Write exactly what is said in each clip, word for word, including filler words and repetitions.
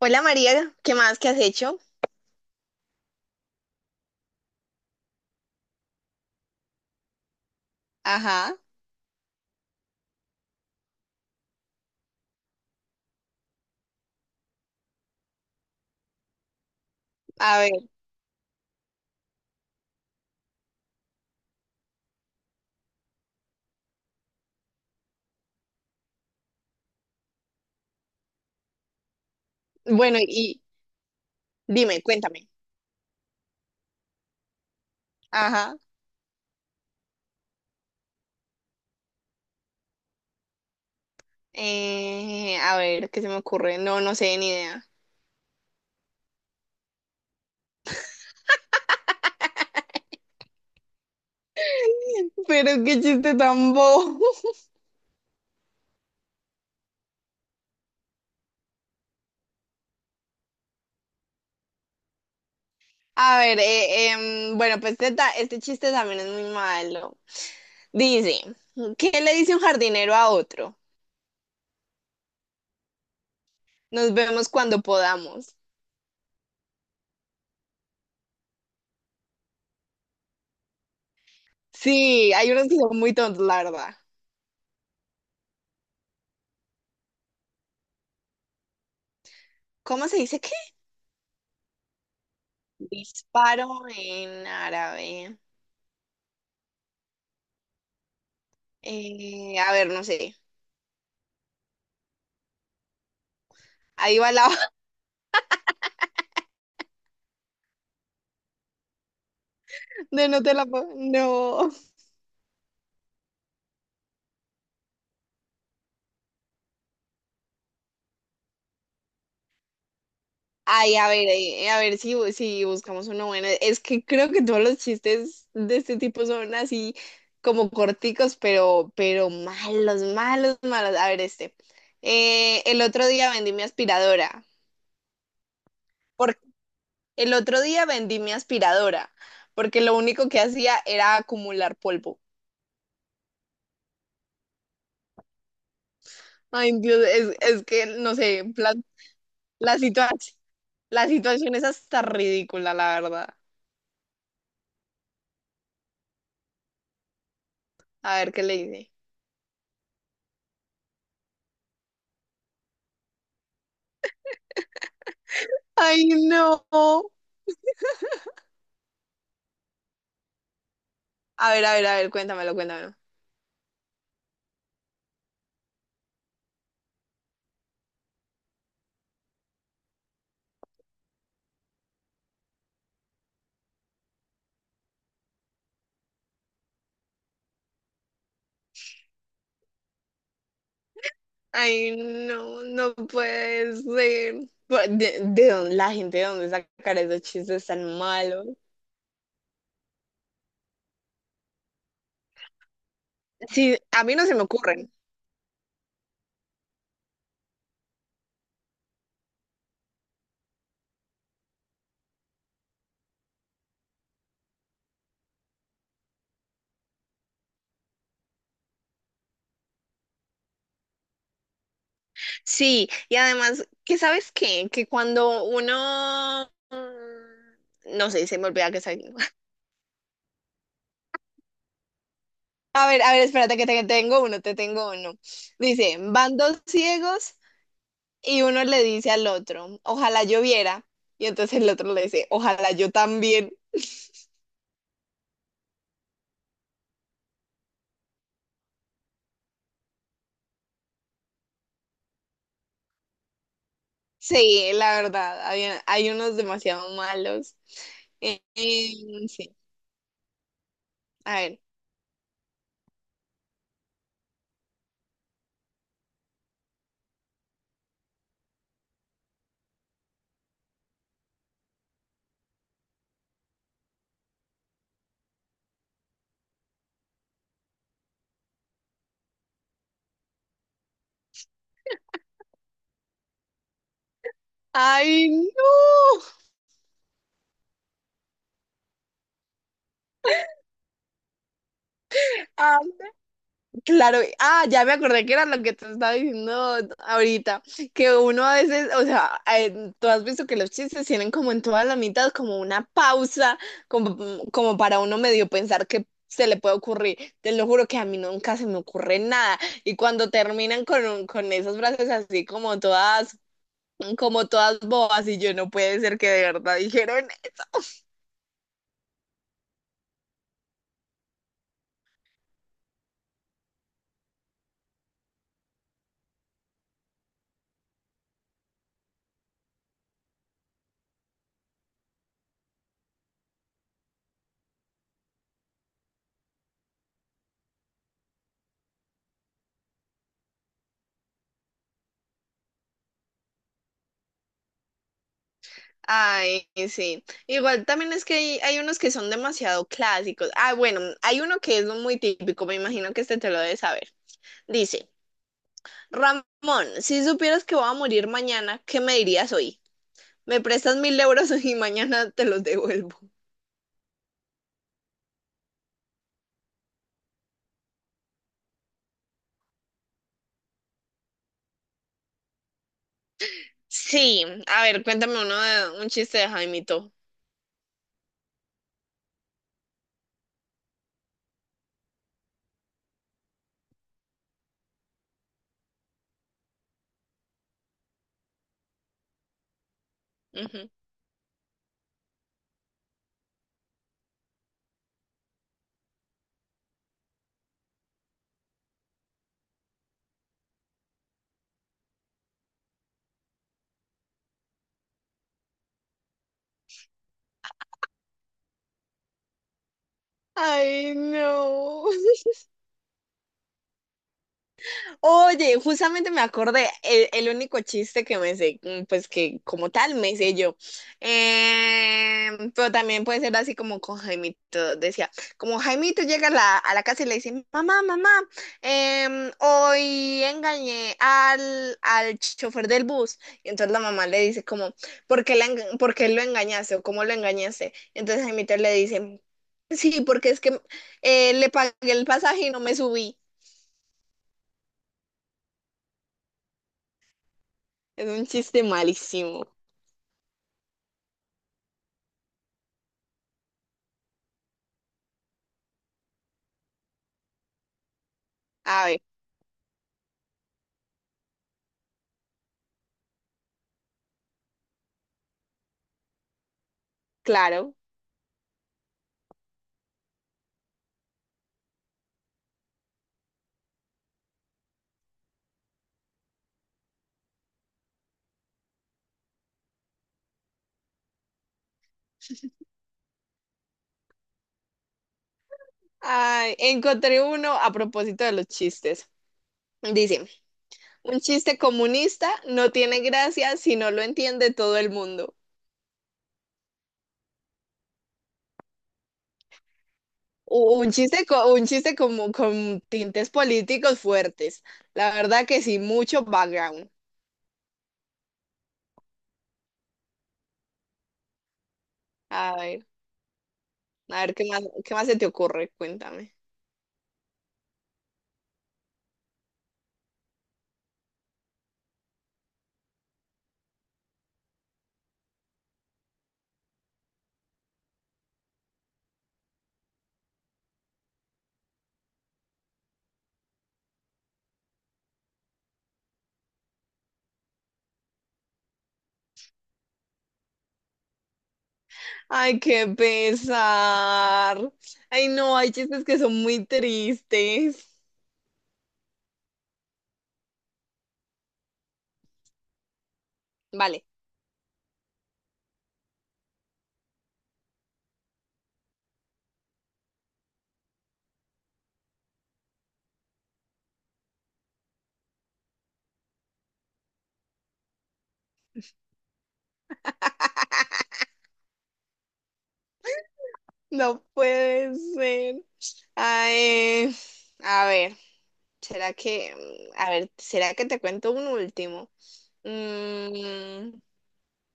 Hola María, ¿qué más que has hecho? Ajá, a ver, bueno, y dime, cuéntame. Ajá, eh, a ver, ¿qué se me ocurre? No, no sé, ni idea. Pero qué chiste tan bobo. A ver, eh, em, bueno, pues este, ta- este chiste también es muy malo. Dice, ¿qué le dice un jardinero a otro? Nos vemos cuando podamos. Sí, hay unos que son muy tontos, la verdad. ¿Cómo se dice qué? Disparo en árabe. Eh, a ver, no sé. Ahí va la de no te la puedo. No. Ay, a ver, eh, a ver si, bu- si buscamos uno bueno. Es que creo que todos los chistes de este tipo son así como corticos, pero, pero malos, malos, malos. A ver, este. Eh, el otro día vendí mi aspiradora. Por. El otro día vendí mi aspiradora, porque lo único que hacía era acumular polvo. Ay, Dios, es, es que, no sé, la, la situación, la situación es hasta ridícula, la verdad. A ver qué le dice. Ay, no. A ver, a ver, a ver, cuéntamelo, cuéntamelo. Ay, no, no puede ser. Bu- ¿De, de dónde, la gente de dónde sacar esos chistes tan malos? Sí, a mí no se me ocurren. Sí, y además, ¿qué sabes qué? Que cuando uno, mm, No sé, se me olvida que soy. A ver, a ver, espérate que te tengo uno, te tengo uno. Dice, van dos ciegos y uno le dice al otro, ojalá yo viera. Y entonces el otro le dice, ojalá yo también. Sí, la verdad, hay, hay unos demasiado malos. Eh, em, sí, a ver. ¡Ay, no! Ah, claro, ah, ya me acordé que era lo que te estaba diciendo ahorita, que uno a veces, o sea, eh, tú has visto que los chistes tienen como en todas las mitad como una pausa, como, como para uno medio pensar que se le puede ocurrir. Te lo juro que a mí nunca se me ocurre nada. Y cuando terminan con, un- con esas frases así como todas como todas bobas y yo no puede ser que de verdad dijeron, ay, sí. Igual también es que hay, hay unos que son demasiado clásicos. Ah, bueno, hay uno que es muy típico, me imagino que este te lo debes saber. Dice, Ramón, si supieras que voy a morir mañana, ¿qué me dirías hoy? Me prestas mil euros y mañana te los devuelvo. Sí, a ver, cuéntame uno de un chiste de Jaimito. Ujú. Ay, no. Oye, justamente me acordé, el, el único chiste que me sé, mm, pues que como tal me sé yo. Em, pero también puede ser así como con Jaimito, decía, como Jaimito llega a la, a la casa y le dice, mamá, mamá, em, hoy engañé al, al chofer del bus. Y entonces la mamá le dice como, ¿por qué, la enga- por qué lo engañaste o cómo lo engañaste? Entonces Jaimito le dice, sí, porque es que eh, le pagué el pasaje y no me subí. Es un chiste malísimo. A ver, claro. Ay, encontré uno a propósito de los chistes. Dice, un chiste comunista no tiene gracia si no lo entiende todo el mundo. U- Un chiste, co- un chiste como con tintes políticos fuertes. La verdad que sí, mucho background. A ver, a ver qué más, qué más se te ocurre, cuéntame. Ay, qué pesar. Ay, no, hay chistes que son muy tristes. Vale. No puede ser. Ay, a ver, ¿será que, mm, a ver, será que te cuento un último? Mm,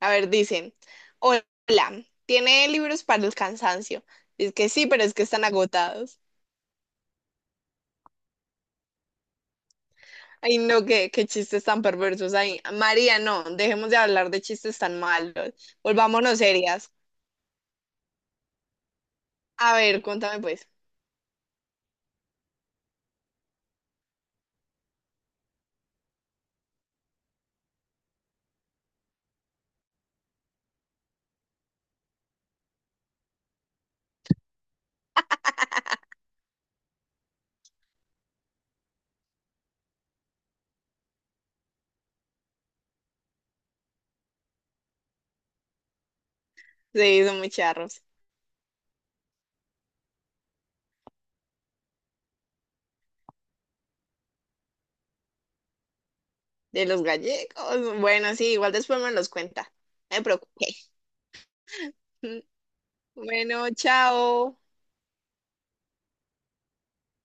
a ver, dicen, hola, ¿tiene libros para el cansancio? Es que sí, pero es que están agotados. Ay, no, qué, qué chistes tan perversos ahí. María, no, dejemos de hablar de chistes tan malos. Volvámonos serias. A ver, cuéntame pues. Sí, son muy charros. De los gallegos. Bueno, sí, igual después me los cuenta. No me preocupé. Bueno, chao.